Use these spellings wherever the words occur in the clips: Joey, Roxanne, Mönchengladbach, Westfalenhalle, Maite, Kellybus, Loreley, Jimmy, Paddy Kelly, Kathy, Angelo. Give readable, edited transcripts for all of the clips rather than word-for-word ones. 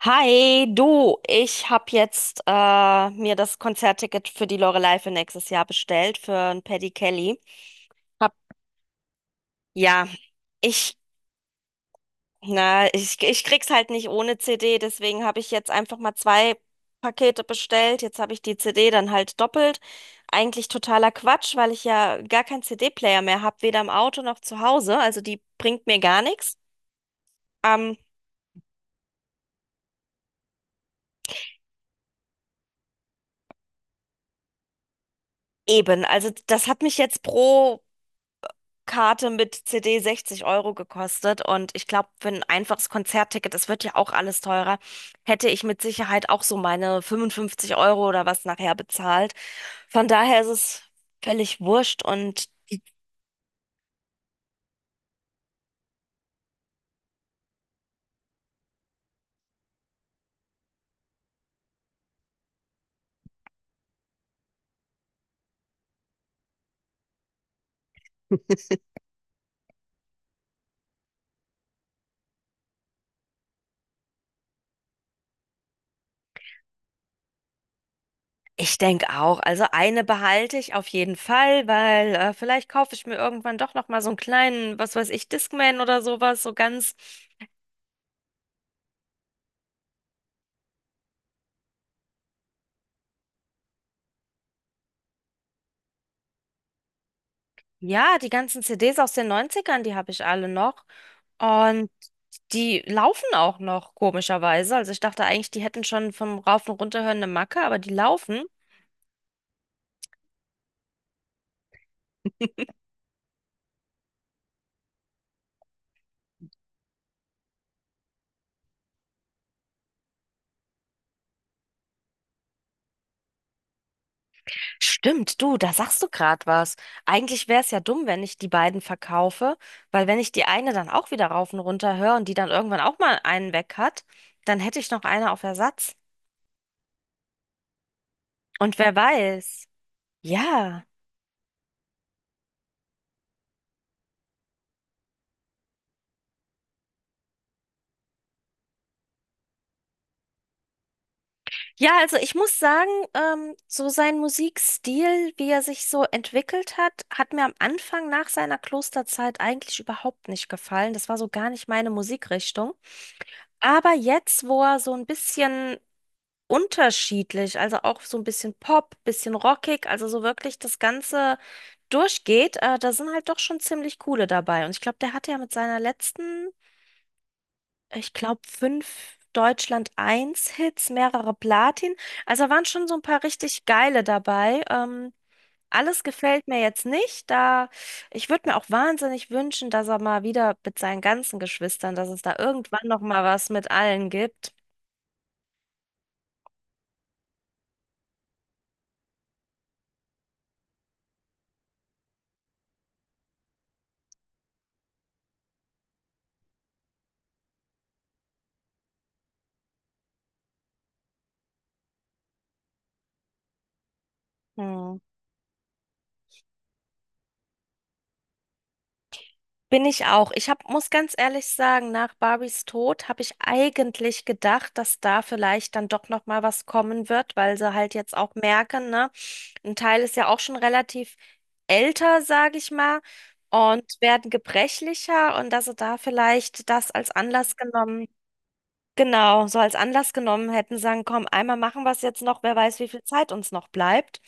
Hi, du, ich habe jetzt mir das Konzertticket für die Loreley für nächstes Jahr bestellt, für ein Paddy Kelly. Hab, ja, ich, na, ich krieg's halt nicht ohne CD, deswegen habe ich jetzt einfach mal zwei Pakete bestellt. Jetzt habe ich die CD dann halt doppelt. Eigentlich totaler Quatsch, weil ich ja gar keinen CD-Player mehr habe, weder im Auto noch zu Hause. Also die bringt mir gar nichts. Ähm, eben, also das hat mich jetzt pro Karte mit CD 60 € gekostet und ich glaube, für ein einfaches Konzertticket, das wird ja auch alles teurer, hätte ich mit Sicherheit auch so meine 55 € oder was nachher bezahlt. Von daher ist es völlig wurscht und ich denke auch, also eine behalte ich auf jeden Fall, weil vielleicht kaufe ich mir irgendwann doch noch mal so einen kleinen, was weiß ich, Discman oder sowas, so ganz. Ja, die ganzen CDs aus den Neunzigern, die habe ich alle noch. Und die laufen auch noch, komischerweise. Also ich dachte eigentlich, die hätten schon vom Rauf- und Runterhören eine Macke, aber die laufen. Stimmt, du, da sagst du gerade was. Eigentlich wäre es ja dumm, wenn ich die beiden verkaufe, weil wenn ich die eine dann auch wieder rauf und runter höre und die dann irgendwann auch mal einen weg hat, dann hätte ich noch eine auf Ersatz. Und wer weiß. Ja. Ja, also ich muss sagen, so sein Musikstil, wie er sich so entwickelt hat, hat mir am Anfang nach seiner Klosterzeit eigentlich überhaupt nicht gefallen. Das war so gar nicht meine Musikrichtung. Aber jetzt, wo er so ein bisschen unterschiedlich, also auch so ein bisschen Pop, bisschen rockig, also so wirklich das Ganze durchgeht, da sind halt doch schon ziemlich coole dabei. Und ich glaube, der hatte ja mit seiner letzten, ich glaube, fünf Deutschland Eins Hits, mehrere Platin. Also da waren schon so ein paar richtig geile dabei. Alles gefällt mir jetzt nicht. Da Ich würde mir auch wahnsinnig wünschen, dass er mal wieder mit seinen ganzen Geschwistern, dass es da irgendwann noch mal was mit allen gibt. Hm. Bin ich auch. Muss ganz ehrlich sagen, nach Barbies Tod habe ich eigentlich gedacht, dass da vielleicht dann doch noch mal was kommen wird, weil sie halt jetzt auch merken, ne? Ein Teil ist ja auch schon relativ älter, sage ich mal, und werden gebrechlicher und dass sie da vielleicht das als Anlass genommen, genau, so als Anlass genommen hätten, sagen, komm, einmal machen wir es jetzt noch, wer weiß, wie viel Zeit uns noch bleibt.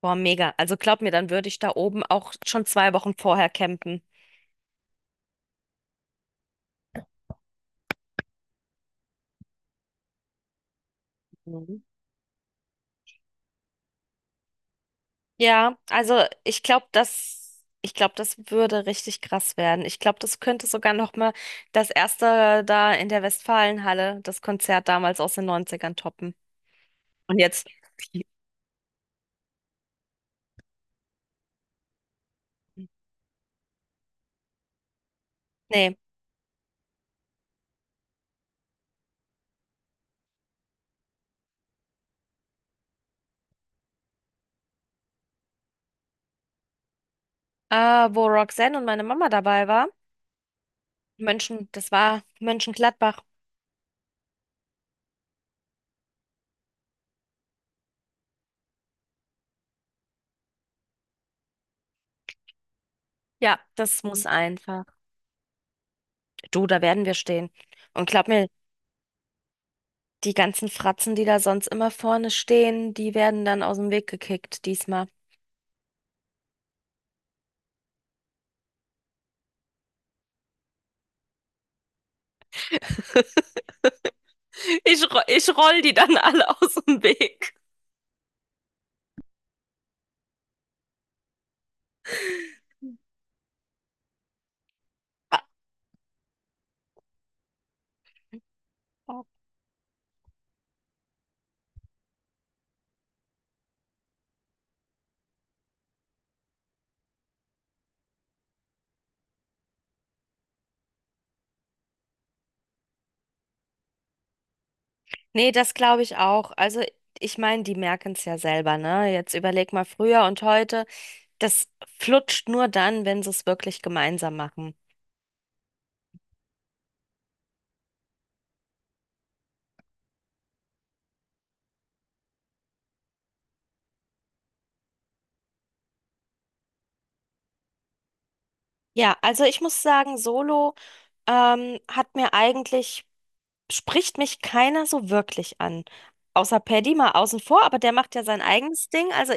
Boah, mega. Also glaub mir, dann würde ich da oben auch schon 2 Wochen vorher campen. Ja, also ich glaube, ich glaube, das würde richtig krass werden. Ich glaube, das könnte sogar noch mal das erste da in der Westfalenhalle, das Konzert damals aus den Neunzigern toppen. Und jetzt, Nee, wo Roxanne und meine Mama dabei war, München, das war Mönchengladbach. Ja, das muss einfach. Du, da werden wir stehen. Und glaub mir, die ganzen Fratzen, die da sonst immer vorne stehen, die werden dann aus dem Weg gekickt diesmal. Ich roll die dann alle aus dem Weg. Nee, das glaube ich auch. Also, ich meine, die merken es ja selber, ne? Jetzt überleg mal früher und heute. Das flutscht nur dann, wenn sie es wirklich gemeinsam machen. Ja, also ich muss sagen, Solo ähm, hat mir eigentlich, spricht mich keiner so wirklich an. Außer Paddy mal außen vor, aber der macht ja sein eigenes Ding. Also,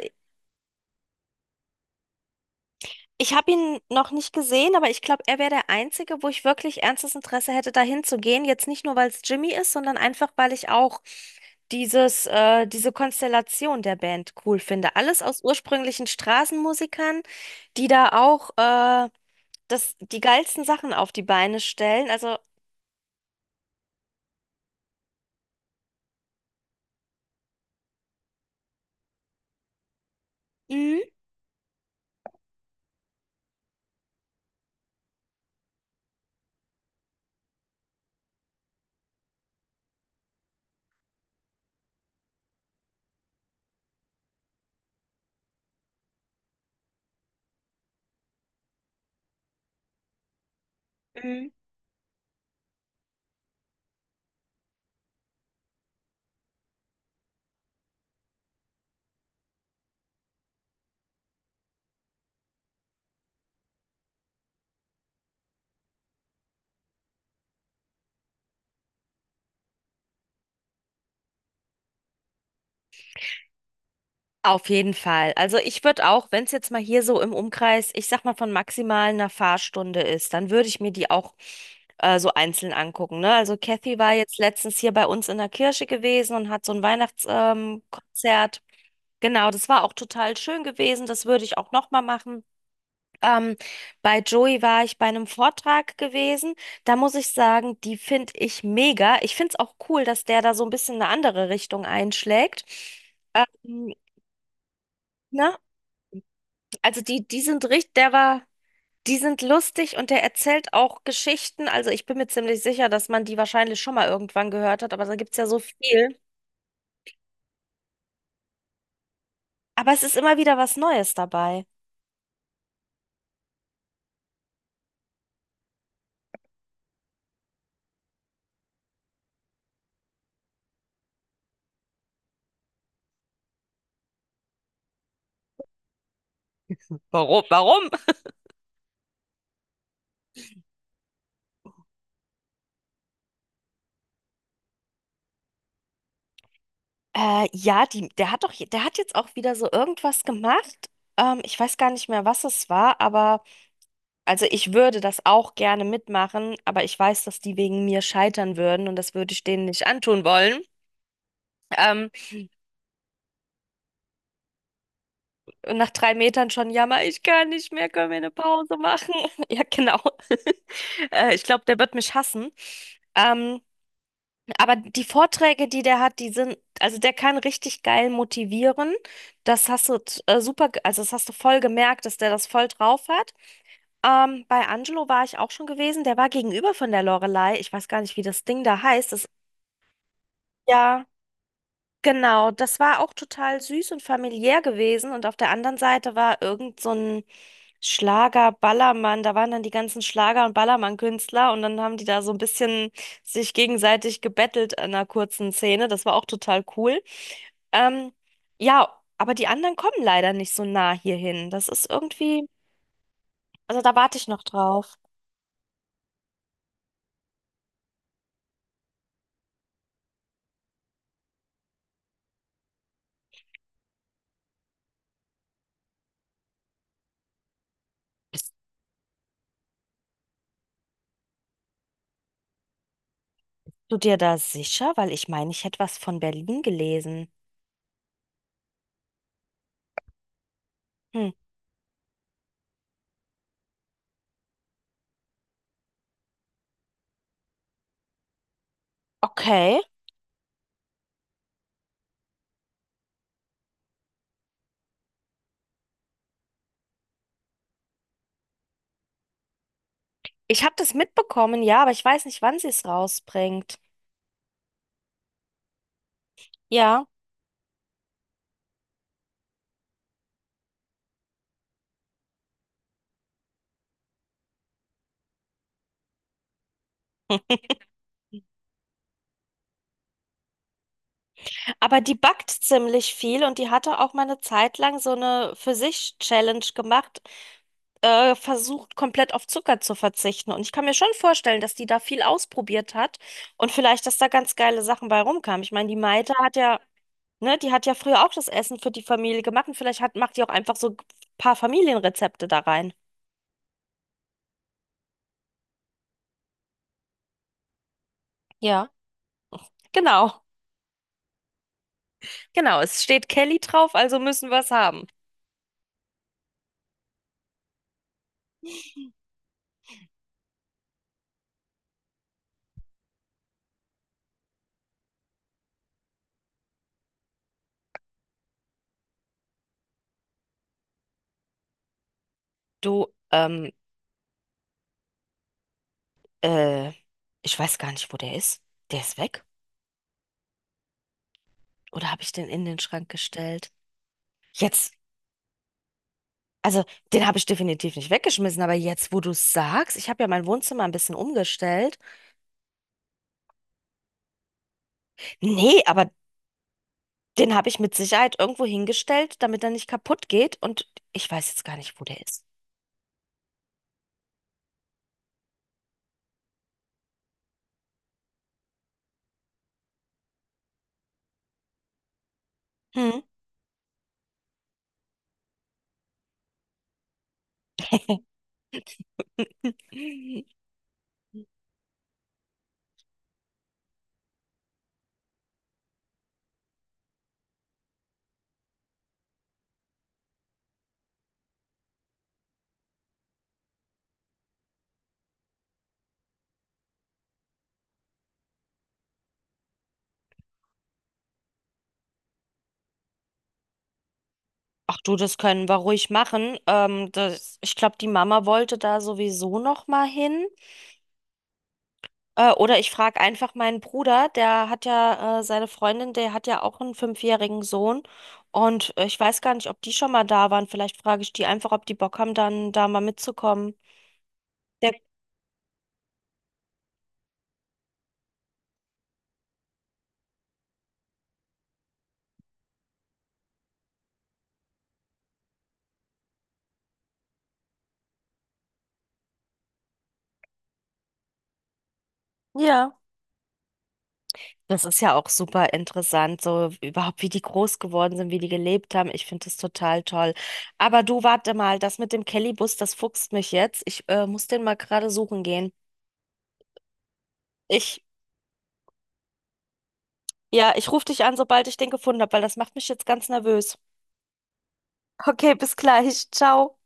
ich habe ihn noch nicht gesehen, aber ich glaube, er wäre der Einzige, wo ich wirklich ernstes Interesse hätte, dahin zu gehen. Jetzt nicht nur, weil es Jimmy ist, sondern einfach, weil ich auch diese Konstellation der Band cool finde. Alles aus ursprünglichen Straßenmusikern, die da auch die geilsten Sachen auf die Beine stellen. Also, mhm. Auf jeden Fall. Also ich würde auch, wenn es jetzt mal hier so im Umkreis, ich sag mal von maximal einer Fahrstunde ist, dann würde ich mir die auch so einzeln angucken. Ne? Also Kathy war jetzt letztens hier bei uns in der Kirche gewesen und hat so ein Weihnachtskonzert. Konzert. Genau, das war auch total schön gewesen. Das würde ich auch nochmal machen. Ähm, Bei Joey war ich bei einem Vortrag gewesen. Da muss ich sagen, die finde ich mega. Ich finde es auch cool, dass der da so ein bisschen eine andere Richtung einschlägt. Ähm, ne? Also die sind richtig, die sind lustig und der erzählt auch Geschichten. Also ich bin mir ziemlich sicher, dass man die wahrscheinlich schon mal irgendwann gehört hat, aber da gibt es ja so viel. Aber es ist immer wieder was Neues dabei. Warum? Warum? Ja, die, der hat doch, je- der hat jetzt auch wieder so irgendwas gemacht. Ich weiß gar nicht mehr, was es war, aber also ich würde das auch gerne mitmachen, aber ich weiß, dass die wegen mir scheitern würden und das würde ich denen nicht antun wollen. Ähm, Und nach 3 Metern schon, jammer, ich kann nicht mehr, können wir eine Pause machen? Ja, genau. Ich glaube, der wird mich hassen. Ähm, aber die Vorträge, die der hat, also der kann richtig geil motivieren. Das hast du t- super, ge- also Das hast du voll gemerkt, dass der das voll drauf hat. Bei Angelo war ich auch schon gewesen, der war gegenüber von der Lorelei. Ich weiß gar nicht, wie das Ding da heißt. Ja. Genau, das war auch total süß und familiär gewesen. Und auf der anderen Seite war irgend so ein Schlager-Ballermann. Da waren dann die ganzen Schlager- und Ballermann-Künstler und dann haben die da so ein bisschen sich gegenseitig gebettelt in einer kurzen Szene. Das war auch total cool. Ähm, ja, aber die anderen kommen leider nicht so nah hierhin. Das ist irgendwie, also da warte ich noch drauf. Bist du dir da sicher? Weil ich meine, ich hätte was von Berlin gelesen. Hm, okay. Ich habe das mitbekommen, ja, aber ich weiß nicht, wann sie es rausbringt. Ja, aber die backt ziemlich viel und die hatte auch mal eine Zeit lang so eine für sich Challenge gemacht, versucht komplett auf Zucker zu verzichten. Und ich kann mir schon vorstellen, dass die da viel ausprobiert hat und vielleicht, dass da ganz geile Sachen bei rumkamen. Ich meine, die Maite hat ja, ne, die hat ja früher auch das Essen für die Familie gemacht und vielleicht macht die auch einfach so ein paar Familienrezepte da rein. Ja, genau. Genau, es steht Kelly drauf, also müssen wir es haben. Du, äh, ich weiß gar nicht, wo der ist. Der ist weg? Oder habe ich den in den Schrank gestellt? Jetzt, also den habe ich definitiv nicht weggeschmissen, aber jetzt, wo du es sagst, ich habe ja mein Wohnzimmer ein bisschen umgestellt. Nee, aber den habe ich mit Sicherheit irgendwo hingestellt, damit er nicht kaputt geht und ich weiß jetzt gar nicht, wo der ist. Hm. Ach du, das können wir ruhig machen. Ich glaube, die Mama wollte da sowieso noch mal hin. Oder ich frage einfach meinen Bruder, der hat ja seine Freundin, der hat ja auch einen fünfjährigen Sohn. Und ich weiß gar nicht, ob die schon mal da waren. Vielleicht frage ich die einfach, ob die Bock haben, dann da mal mitzukommen. Der, ja. Das ist ja auch super interessant, so überhaupt, wie die groß geworden sind, wie die gelebt haben. Ich finde das total toll. Aber du, warte mal, das mit dem Kellybus, das fuchst mich jetzt. Ich muss den mal gerade suchen gehen. Ich, ja, ich rufe dich an, sobald ich den gefunden habe, weil das macht mich jetzt ganz nervös. Okay, bis gleich. Ciao.